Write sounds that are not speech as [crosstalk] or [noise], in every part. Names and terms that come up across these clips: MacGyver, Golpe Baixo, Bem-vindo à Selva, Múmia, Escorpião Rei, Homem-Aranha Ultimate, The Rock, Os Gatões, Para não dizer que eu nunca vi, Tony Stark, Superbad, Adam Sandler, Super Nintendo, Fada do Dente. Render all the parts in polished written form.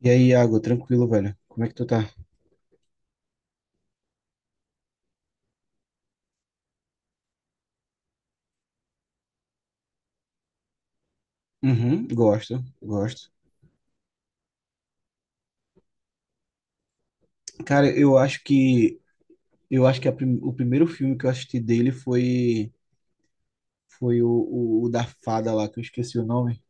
E aí, Iago, tranquilo, velho? Como é que tu tá? Uhum, gosto, gosto. Cara, eu acho que o primeiro filme que eu assisti dele foi o da fada lá, que eu esqueci o nome,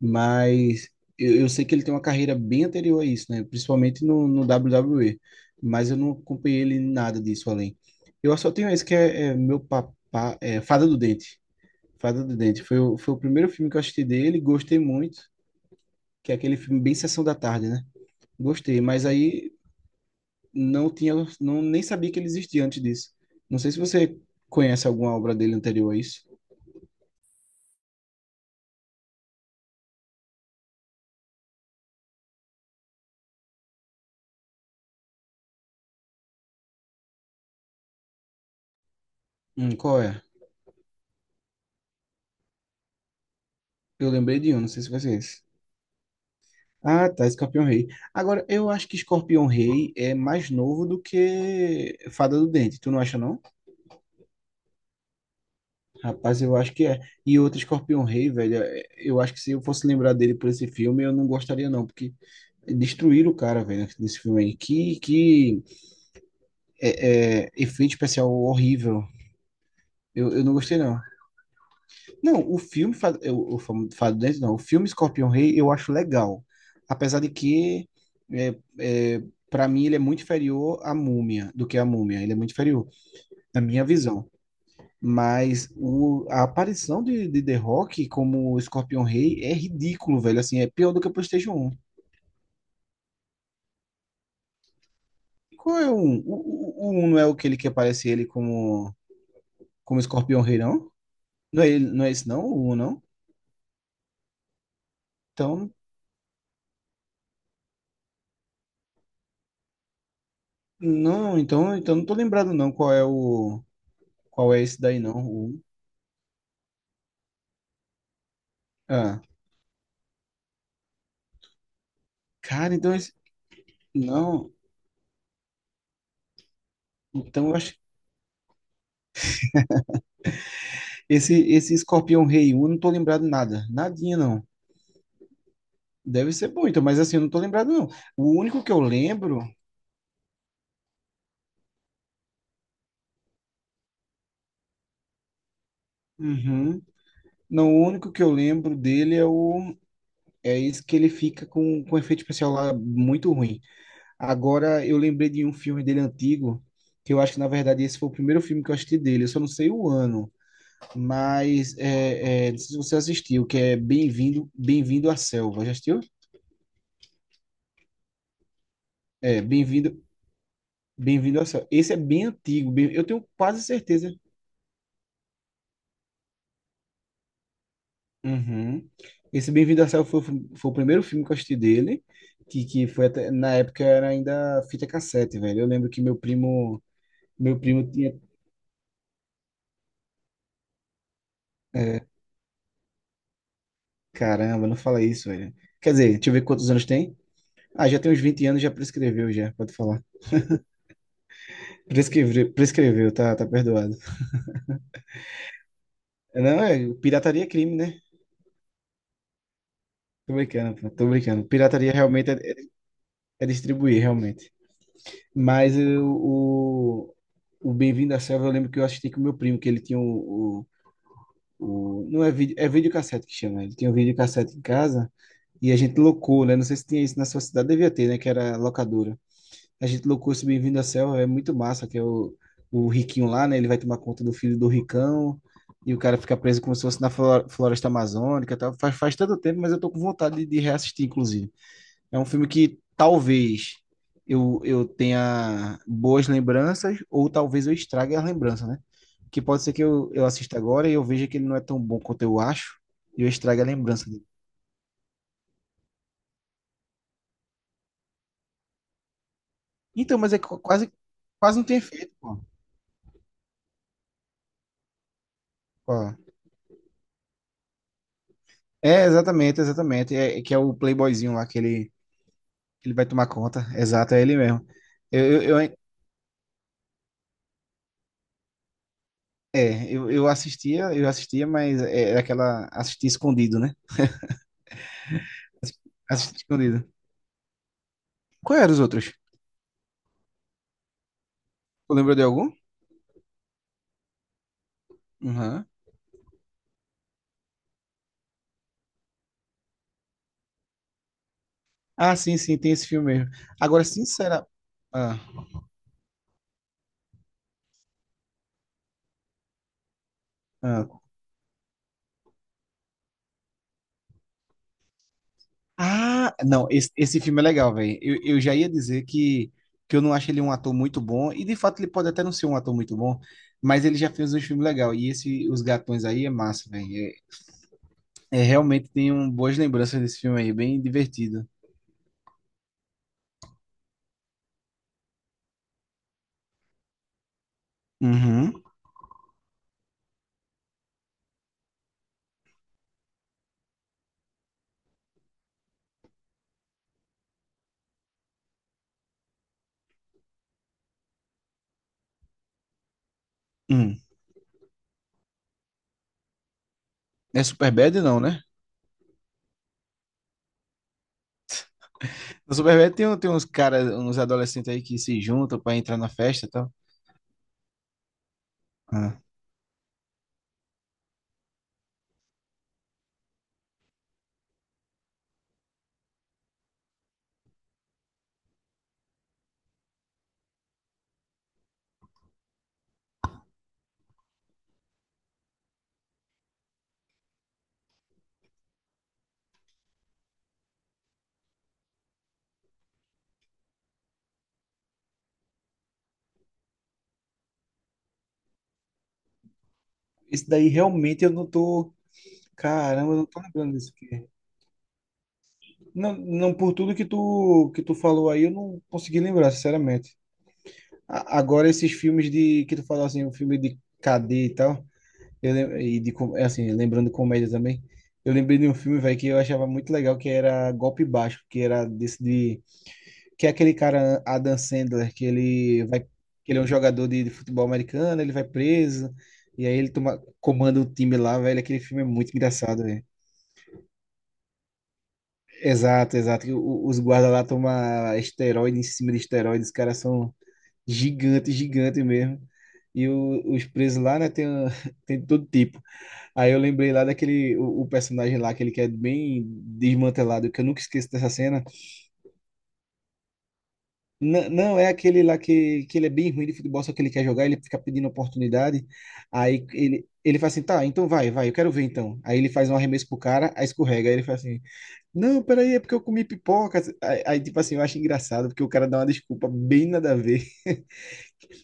mas eu sei que ele tem uma carreira bem anterior a isso, né? Principalmente no WWE, mas eu não acompanhei ele em nada disso além. Eu só tenho esse que é meu papá, é Fada do Dente. Fada do Dente foi o primeiro filme que eu assisti dele, gostei muito, que é aquele filme bem Sessão da Tarde, né? Gostei, mas aí não tinha, não, nem sabia que ele existia antes disso. Não sei se você conhece alguma obra dele anterior a isso. Qual é? Eu lembrei de um, não sei se vai ser esse. Ah, tá, Escorpião Rei. Agora, eu acho que Escorpião Rei é mais novo do que Fada do Dente, tu não acha, não? Rapaz, eu acho que é. E outro Escorpião Rei, velho, eu acho que se eu fosse lembrar dele por esse filme, eu não gostaria, não, porque destruíram o cara, velho, nesse filme aí. Que é efeito especial horrível. Eu não gostei, não. Não, o filme, Fado Dente, não, o filme Escorpião Rei eu acho legal. Apesar de que, é, é, para mim, ele é muito inferior à Múmia, do que a Múmia. Ele é muito inferior, na minha visão. Mas a aparição de The Rock como Escorpião Rei é ridículo, velho. Assim, é pior do que o PlayStation Um. Qual é o 1? O 1 não é o que ele que aparece ele como Escorpião Rei, não? Não é, não é esse, não? O 1, não? Então, não, então não tô lembrado, não, qual é o. Qual é esse daí, não? Um. Ah, cara, então esse. Não, então eu acho. Esse Escorpião Rei um. Eu não tô lembrado nada. Nadinha, não. Deve ser bom, então, mas assim, eu não tô lembrado, não. O único que eu lembro. Uhum. Não, o único que eu lembro dele é o. É esse que ele fica com efeito especial lá muito ruim. Agora, eu lembrei de um filme dele antigo, que eu acho que, na verdade, esse foi o primeiro filme que eu assisti dele. Eu só não sei o ano. Mas não sei se você assistiu, que é Bem-vindo à Selva. Já assistiu? É, Bem-vindo à Selva. Esse é bem antigo, eu tenho quase certeza. Uhum. Esse Bem-vindo à Selva foi o primeiro filme que eu assisti dele, que foi até, na época era ainda fita cassete, velho. Eu lembro que meu primo tinha, é, caramba, não fala isso, velho. Quer dizer, deixa eu ver quantos anos tem. Ah, já tem uns 20 anos, já prescreveu, já, pode falar. Prescreveu, prescreveu, tá, tá perdoado. Não, pirataria é crime, né? Tô brincando, pô, tô brincando. Pirataria realmente é distribuir, realmente. Mas o Bem-vindo à Selva, eu lembro que eu assisti com meu primo, que ele tinha não é vídeo, é videocassete que chama. Ele tinha um videocassete em casa e a gente locou, né? Não sei se tinha isso na sua cidade, devia ter, né? Que era locadora. A gente locou esse Bem-vindo à Selva, é muito massa, que é o riquinho lá, né? Ele vai tomar conta do filho do ricão e o cara fica preso como se fosse na floresta amazônica, e tal. Faz tanto tempo, mas eu tô com vontade de reassistir, inclusive. É um filme que talvez eu tenha boas lembranças ou talvez eu estrague as lembranças, né? Que pode ser que eu assista agora e eu veja que ele não é tão bom quanto eu acho e eu estrague a lembrança dele. Então, mas quase, quase não tem efeito, pô. Pô. É, exatamente, exatamente. É que é o playboyzinho lá que ele vai tomar conta. Exato, é ele mesmo. Eu- é, eu assistia, mas era aquela. Assistia escondido, né? Assistia escondido. Qual eram os outros? Tu lembra de algum? Uhum. Ah, sim, sim, tem esse filme mesmo. Agora, sincera. Ah, ah. Ah, não, esse filme é legal, velho. Eu já ia dizer que eu não acho ele um ator muito bom, e de fato ele pode até não ser um ator muito bom, mas ele já fez um filme legal. E esse Os Gatões aí é massa, velho. Realmente tem um, boas lembranças desse filme aí, bem divertido. Uhum. Hum. É Superbad, não, né? No Superbad tem uns caras, uns adolescentes aí que se juntam pra entrar na festa e tal. Ah. Esse daí realmente eu não tô. Caramba, eu não tô lembrando disso aqui. Não, não por tudo que tu falou aí, eu não consegui lembrar, sinceramente. Agora esses filmes de que tu falou assim, o filme de cadê e tal, eu lem- e de com- é assim, lembrando comédia também. Eu lembrei de um filme, velho, que eu achava muito legal, que era Golpe Baixo, que era desse de que é aquele cara Adam Sandler, que ele é um jogador de futebol americano, ele vai preso e aí ele toma comanda o time lá, velho, aquele filme é muito engraçado. Exato, exato. Os guardas lá tomam esteroide em cima de esteroide, os caras são gigantes, gigantes mesmo. E os presos lá, né, tem, [laughs] tem de todo tipo. Aí eu lembrei lá daquele, o personagem lá, aquele que é bem desmantelado, que eu nunca esqueço dessa cena. N não, é aquele lá que ele é bem ruim de futebol, só que ele quer jogar, ele fica pedindo oportunidade. Aí ele faz assim, tá, então vai, vai, eu quero ver então. Aí ele faz um arremesso pro cara, aí escorrega. Aí ele faz assim, não, peraí, é porque eu comi pipoca. Aí, tipo assim, eu acho engraçado, porque o cara dá uma desculpa bem nada a ver. [laughs]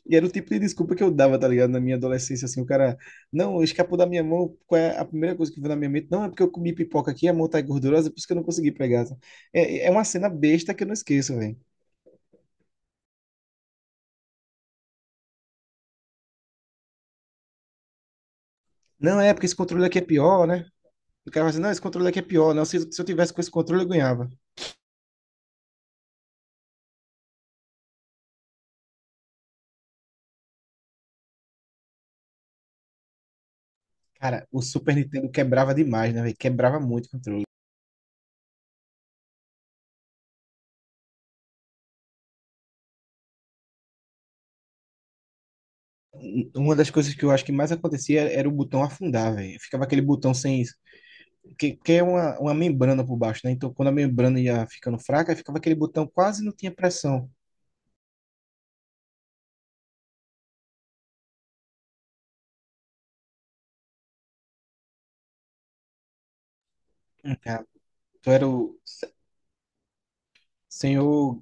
E era o tipo de desculpa que eu dava, tá ligado? Na minha adolescência, assim, o cara, não, escapou da minha mão, qual é a primeira coisa que veio na minha mente? Não, é porque eu comi pipoca aqui, a mão tá gordurosa, por isso que eu não consegui pegar. É uma cena besta que eu não esqueço, velho. Não, é porque esse controle aqui é pior, né? O cara fala assim, não, esse controle aqui é pior, não, se eu tivesse com esse controle eu ganhava. Cara, o Super Nintendo quebrava demais, né, velho? Quebrava muito o controle. Uma das coisas que eu acho que mais acontecia era o botão afundar, velho. Ficava aquele botão sem. Que é uma membrana por baixo, né? Então, quando a membrana ia ficando fraca, ficava aquele botão quase não tinha pressão. Cara, tu era o senhor,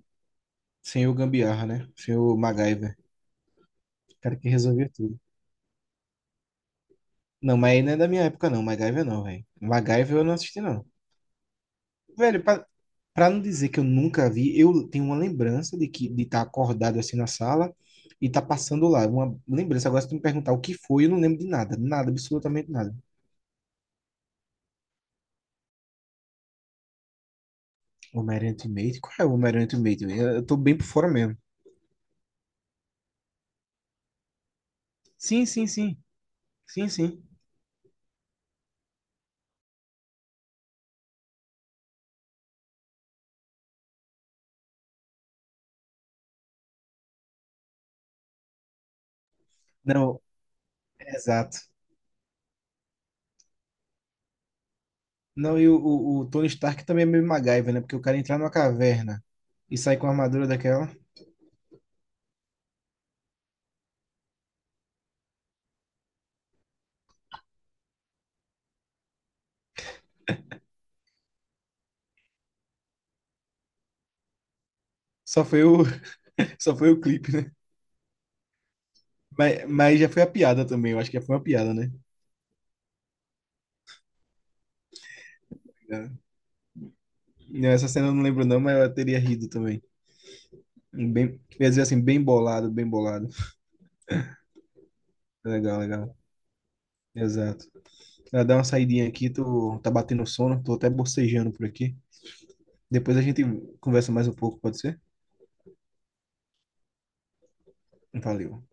senhor Gambiarra, né? Senhor MacGyver. O cara que resolvia tudo. Não, mas aí não é da minha época, não. MacGyver não, velho. MacGyver eu não assisti, não. Velho, para não dizer que eu nunca vi, eu tenho uma lembrança de que de estar acordado assim na sala e estar passando lá. Uma lembrança. Agora, se tu me perguntar o que foi, eu não lembro de nada. Nada, absolutamente nada. Homem-Aranha Ultimate? Qual é o Homem-Aranha Ultimate? Eu tô bem por fora mesmo. Sim, sim, sim. Sim, sim. Não, exato. Não, e o Tony Stark também é meio MacGyver, né? Porque o cara entrar numa caverna e sair com a armadura daquela. Só foi o, [laughs] só foi o clipe, né? Mas já foi a piada também. Eu acho que já foi uma piada, né? Não, essa cena eu não lembro não, mas eu teria rido também. Um Bem, quer dizer assim, bem bolado, bem bolado. Legal, legal. Exato. Ela dá uma saidinha aqui, tá batendo sono, tô até bocejando por aqui. Depois a gente conversa mais um pouco, pode ser? Valeu.